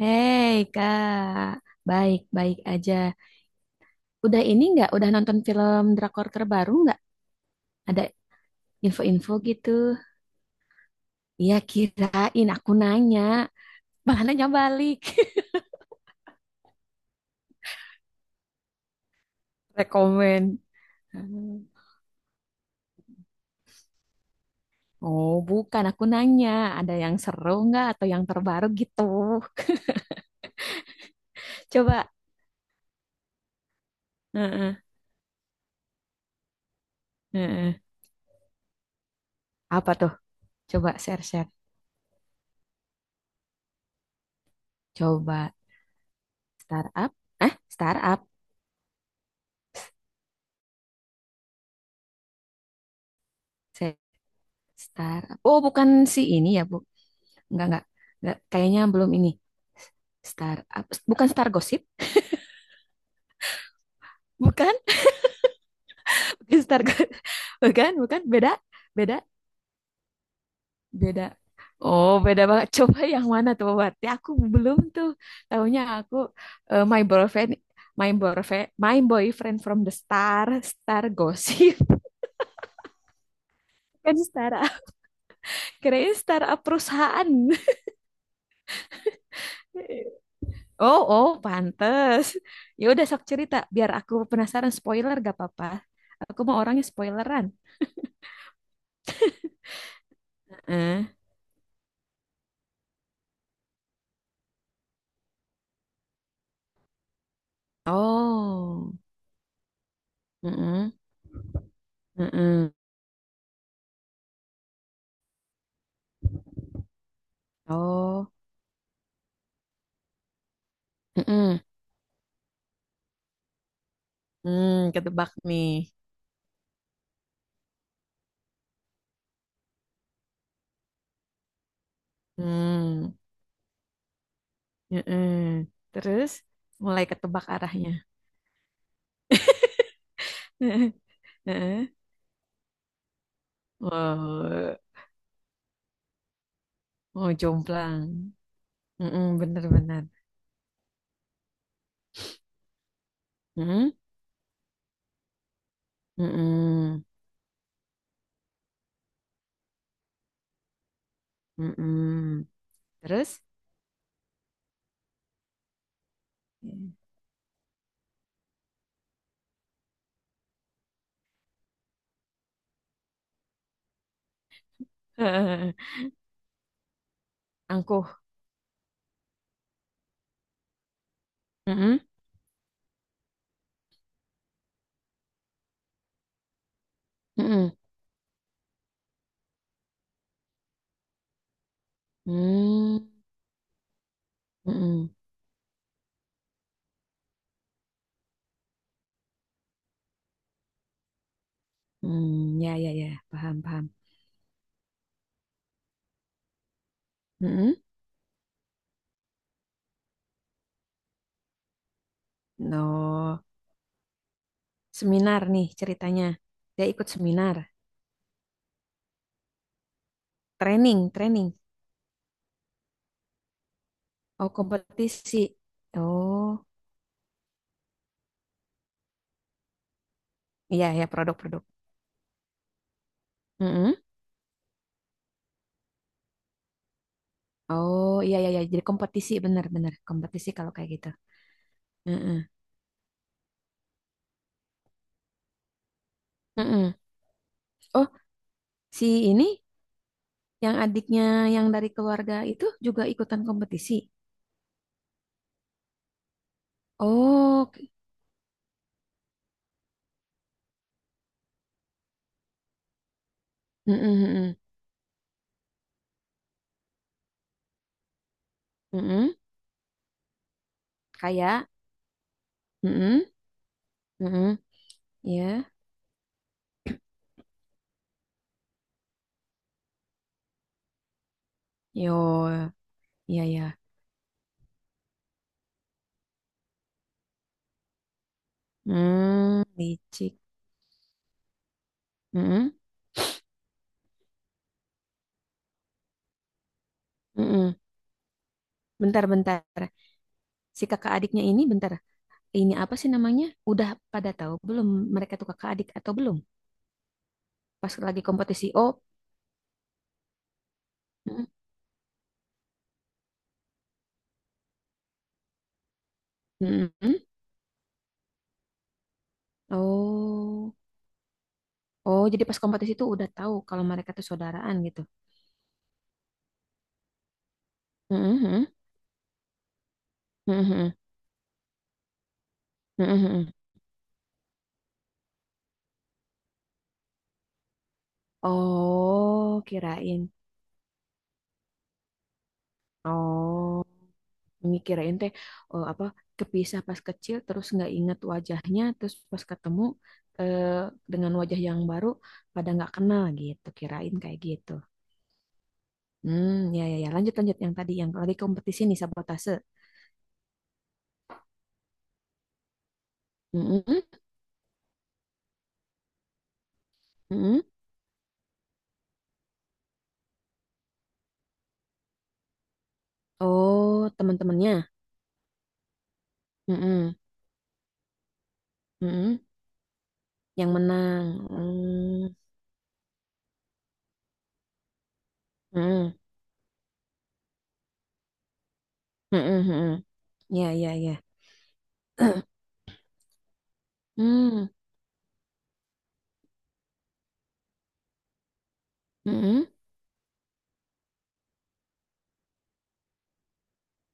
Hei Kak, baik-baik aja. Udah ini nggak? Udah nonton film drakor terbaru nggak? Ada info-info gitu. Iya kirain aku nanya. Malah nanya balik. Rekomen. Hmm. Oh bukan, aku nanya. Ada yang seru nggak atau yang terbaru gitu. Coba. Heeh, heeh. Apa tuh? Coba share-share. Coba startup. Ah, startup. Se- Startup. Oh bukan si ini ya, Bu. Enggak, enggak. Enggak, kayaknya belum ini. Bukan Star Gossip, bukan, bukan bukan, bukan, beda, beda, beda. Oh, beda banget. Coba yang mana tuh berarti aku belum tuh. Tahunya aku eh, My Boyfriend My Boyfriend from the Star, Star Gossip. Kan Star. Kirain Star perusahaan. Oh, oh, pantes. Ya udah sok cerita biar aku penasaran spoiler gak apa-apa. Aku mau orangnya spoileran. Heeh. Oh. Heeh. Heeh. Oh. Heeh. Hmm, ketebak nih. Hmm. Heeh. Terus mulai ketebak arahnya. Heeh. Oh, oh jomplang. Heeh, bener-bener. Heeh. Heeh. Heeh. Terus? Heeh. Angkuh. Heeh. Heeh. Hmm. Heeh. Hmm, ya ya ya, paham paham. Heeh. No. Seminar nih ceritanya. Dia ikut seminar, training, training. Oh, kompetisi. Oh, iya ya produk-produk. Mm-mm. Oh, iya iya iya jadi kompetisi benar-benar kompetisi kalau kayak gitu. Mm-mm. Mm-mm. Oh, si ini yang adiknya yang dari keluarga itu juga ikutan kompetisi. Oh, oke. Mm-mm, mm-mm, mm-mm. Kayak, mm-mm, mm-mm. Ya, yo, iya ya. Hmm, licik. Mm-mm, mm-mm. Bentar, bentar. Si kakak adiknya ini bentar, ini apa sih namanya? Udah pada tahu belum mereka tuh kakak adik atau belum? Pas lagi kompetisi. Oh, mm, mm, mm. Oh, oh jadi pas kompetisi itu udah tahu kalau mereka tuh saudaraan gitu. Mm, mm, mm, mm, mm, mm, mm. Oh, kirain. Oh, ini kirain teh oh, apa kepisah pas kecil terus nggak inget wajahnya terus pas ketemu eh, dengan wajah yang baru pada nggak kenal gitu kirain kayak gitu. Hmm, ya, ya, ya. Lanjut, lanjut. Yang tadi, yang lagi kompetisi nih, sabotase. Mm-mm, mm-mm. Oh, teman-temannya. Mm-mm, mm-mm. Yang menang. Mm, mm-mm, mm-mm, mm-mm. Ya, ya, ya. Hmm, mm-mm,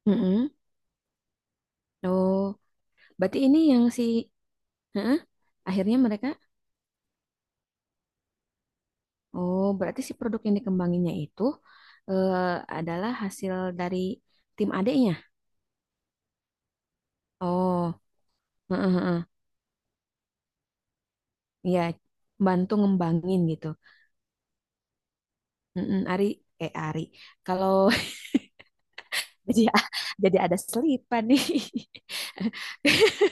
mm-mm. Oh, berarti ini yang si. Heeh. Akhirnya mereka. Oh, berarti si produk yang dikembanginnya itu eh, adalah hasil dari tim adeknya. Oh, heeh, heeh. Ya, bantu ngembangin gitu. Mm-mm, Ari, eh Ari. Kalau jadi jadi ada selipan nih.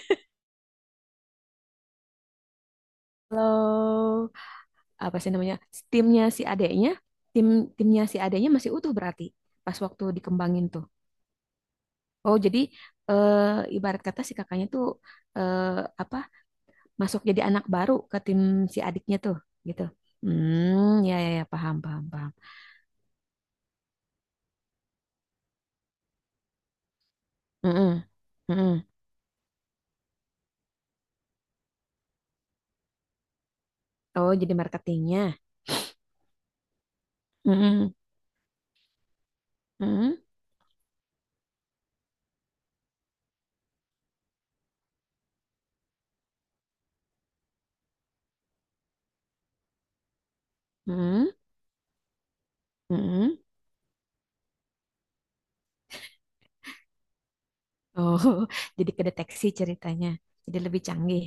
Kalau apa sih namanya? Timnya si adeknya, tim timnya si adeknya masih utuh berarti pas waktu dikembangin tuh. Oh, jadi ibarat kata si kakaknya tuh eh, apa? Masuk jadi anak baru ke tim si adiknya tuh, gitu. Hmm, ya ya, ya paham paham paham. Mm-mm, mm-mm. Oh, jadi marketingnya. Mm-mm, mm-mm, mm-mm, mm-mm. Oh, jadi kedeteksi ceritanya. Jadi lebih canggih.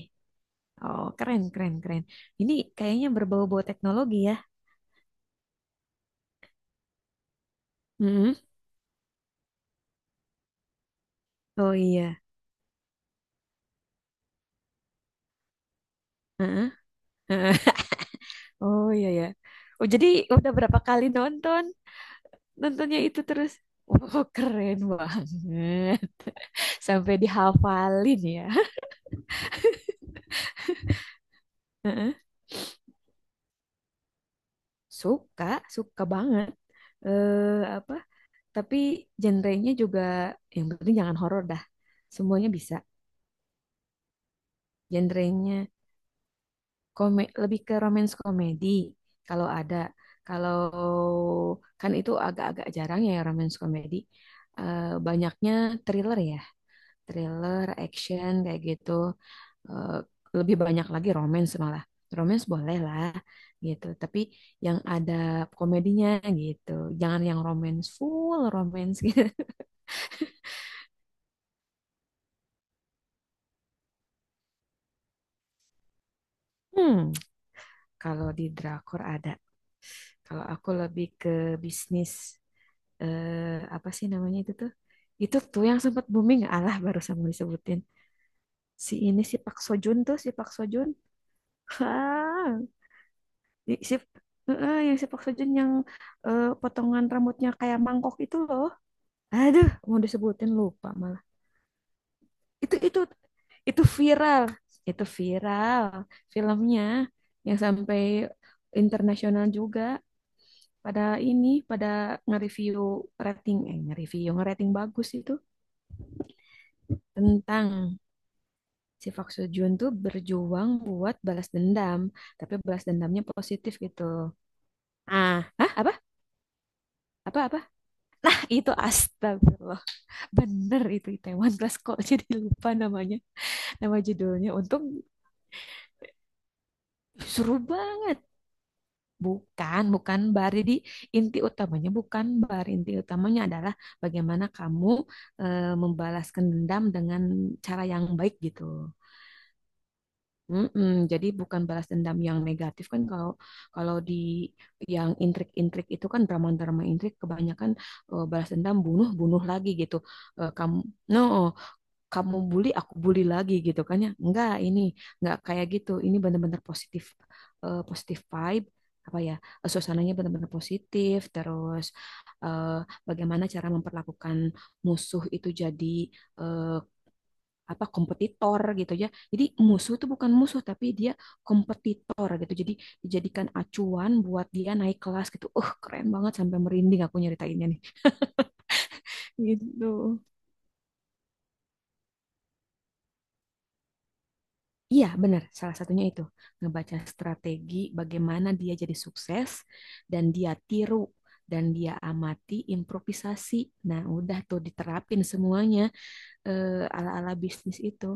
Oh, keren, keren, keren. Ini kayaknya berbau-bau teknologi ya. Mm-mm. Oh iya. Heeh, heeh. Oh iya ya. Oh jadi udah berapa kali nonton? Nontonnya itu terus. Oh keren banget. Sampai dihafalin ya. Heeh. Suka, suka banget. Eh apa? Tapi genrenya juga yang penting jangan horor dah. Semuanya bisa. Genrenya lebih ke romance komedi kalau ada. Kalau kan itu agak-agak jarang ya romance komedi. Eh, banyaknya thriller ya, thriller, action kayak gitu. Eh, lebih banyak lagi romance malah. Romance boleh lah gitu, tapi yang ada komedinya gitu. Jangan yang romance full romance gitu. Hmm. Kalau di drakor ada. Kalau aku lebih ke bisnis apa sih namanya itu tuh? Itu tuh yang sempat booming, alah barusan mau disebutin. Si ini si Pak Sojun tuh, si Pak Sojun. Hah, i- si heeh, yang si Pak Sojun yang potongan rambutnya kayak mangkok itu loh. Aduh, mau disebutin lupa malah. Itu itu itu viral, itu viral, filmnya yang sampai internasional juga. pada pada nge-review rating eh nge-review nge-rating bagus itu tentang si Park Seo Joon tuh berjuang buat balas dendam tapi balas dendamnya positif gitu. Ah, hah, apa apa apa. Itu astagfirullah bener itu Itaewon Class kok. Jadi lupa namanya, nama judulnya untung. Seru banget. Bukan, bukan bar. Jadi inti utamanya bukan bar. Inti utamanya adalah bagaimana kamu membalaskan dendam dengan cara yang baik gitu. Mm-mm, jadi bukan balas dendam yang negatif kan kalau kalau di yang intrik-intrik itu kan drama-drama intrik kebanyakan balas dendam bunuh bunuh lagi gitu. Kamu no kamu bully aku bully lagi gitu kan ya enggak ini enggak kayak gitu ini benar-benar positif positif vibe apa ya suasananya benar-benar positif terus eh, bagaimana cara memperlakukan musuh itu jadi eh, apa kompetitor gitu ya jadi musuh itu bukan musuh tapi dia kompetitor gitu jadi dijadikan acuan buat dia naik kelas gitu keren banget sampai merinding aku nyeritainnya nih gitu. Iya, benar. Salah satunya itu ngebaca strategi bagaimana dia jadi sukses dan dia tiru dan dia amati improvisasi. Nah, udah tuh diterapin semuanya ala-ala bisnis itu.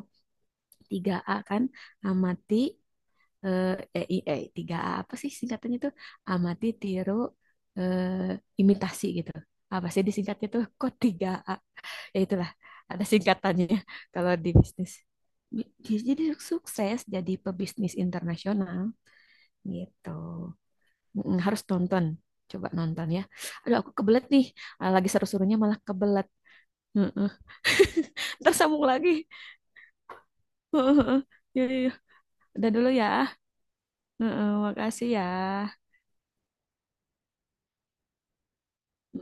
Tiga a kan, amati 3A apa sih singkatannya tuh? Amati, tiru, eh, imitasi gitu. Apa sih disingkatnya tuh? Kok tiga a ya itulah ada singkatannya kalau di bisnis. Jadi sukses jadi pebisnis internasional gitu. Mm, harus nonton, coba nonton ya. Aduh, aku kebelet nih. Ah, lagi seru-serunya malah kebelet. Heeh. Ntar sambung lagi. Heeh. Ya, ya, ya. Udah dulu ya. Heeh, makasih ya.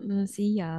Heeh, see ya.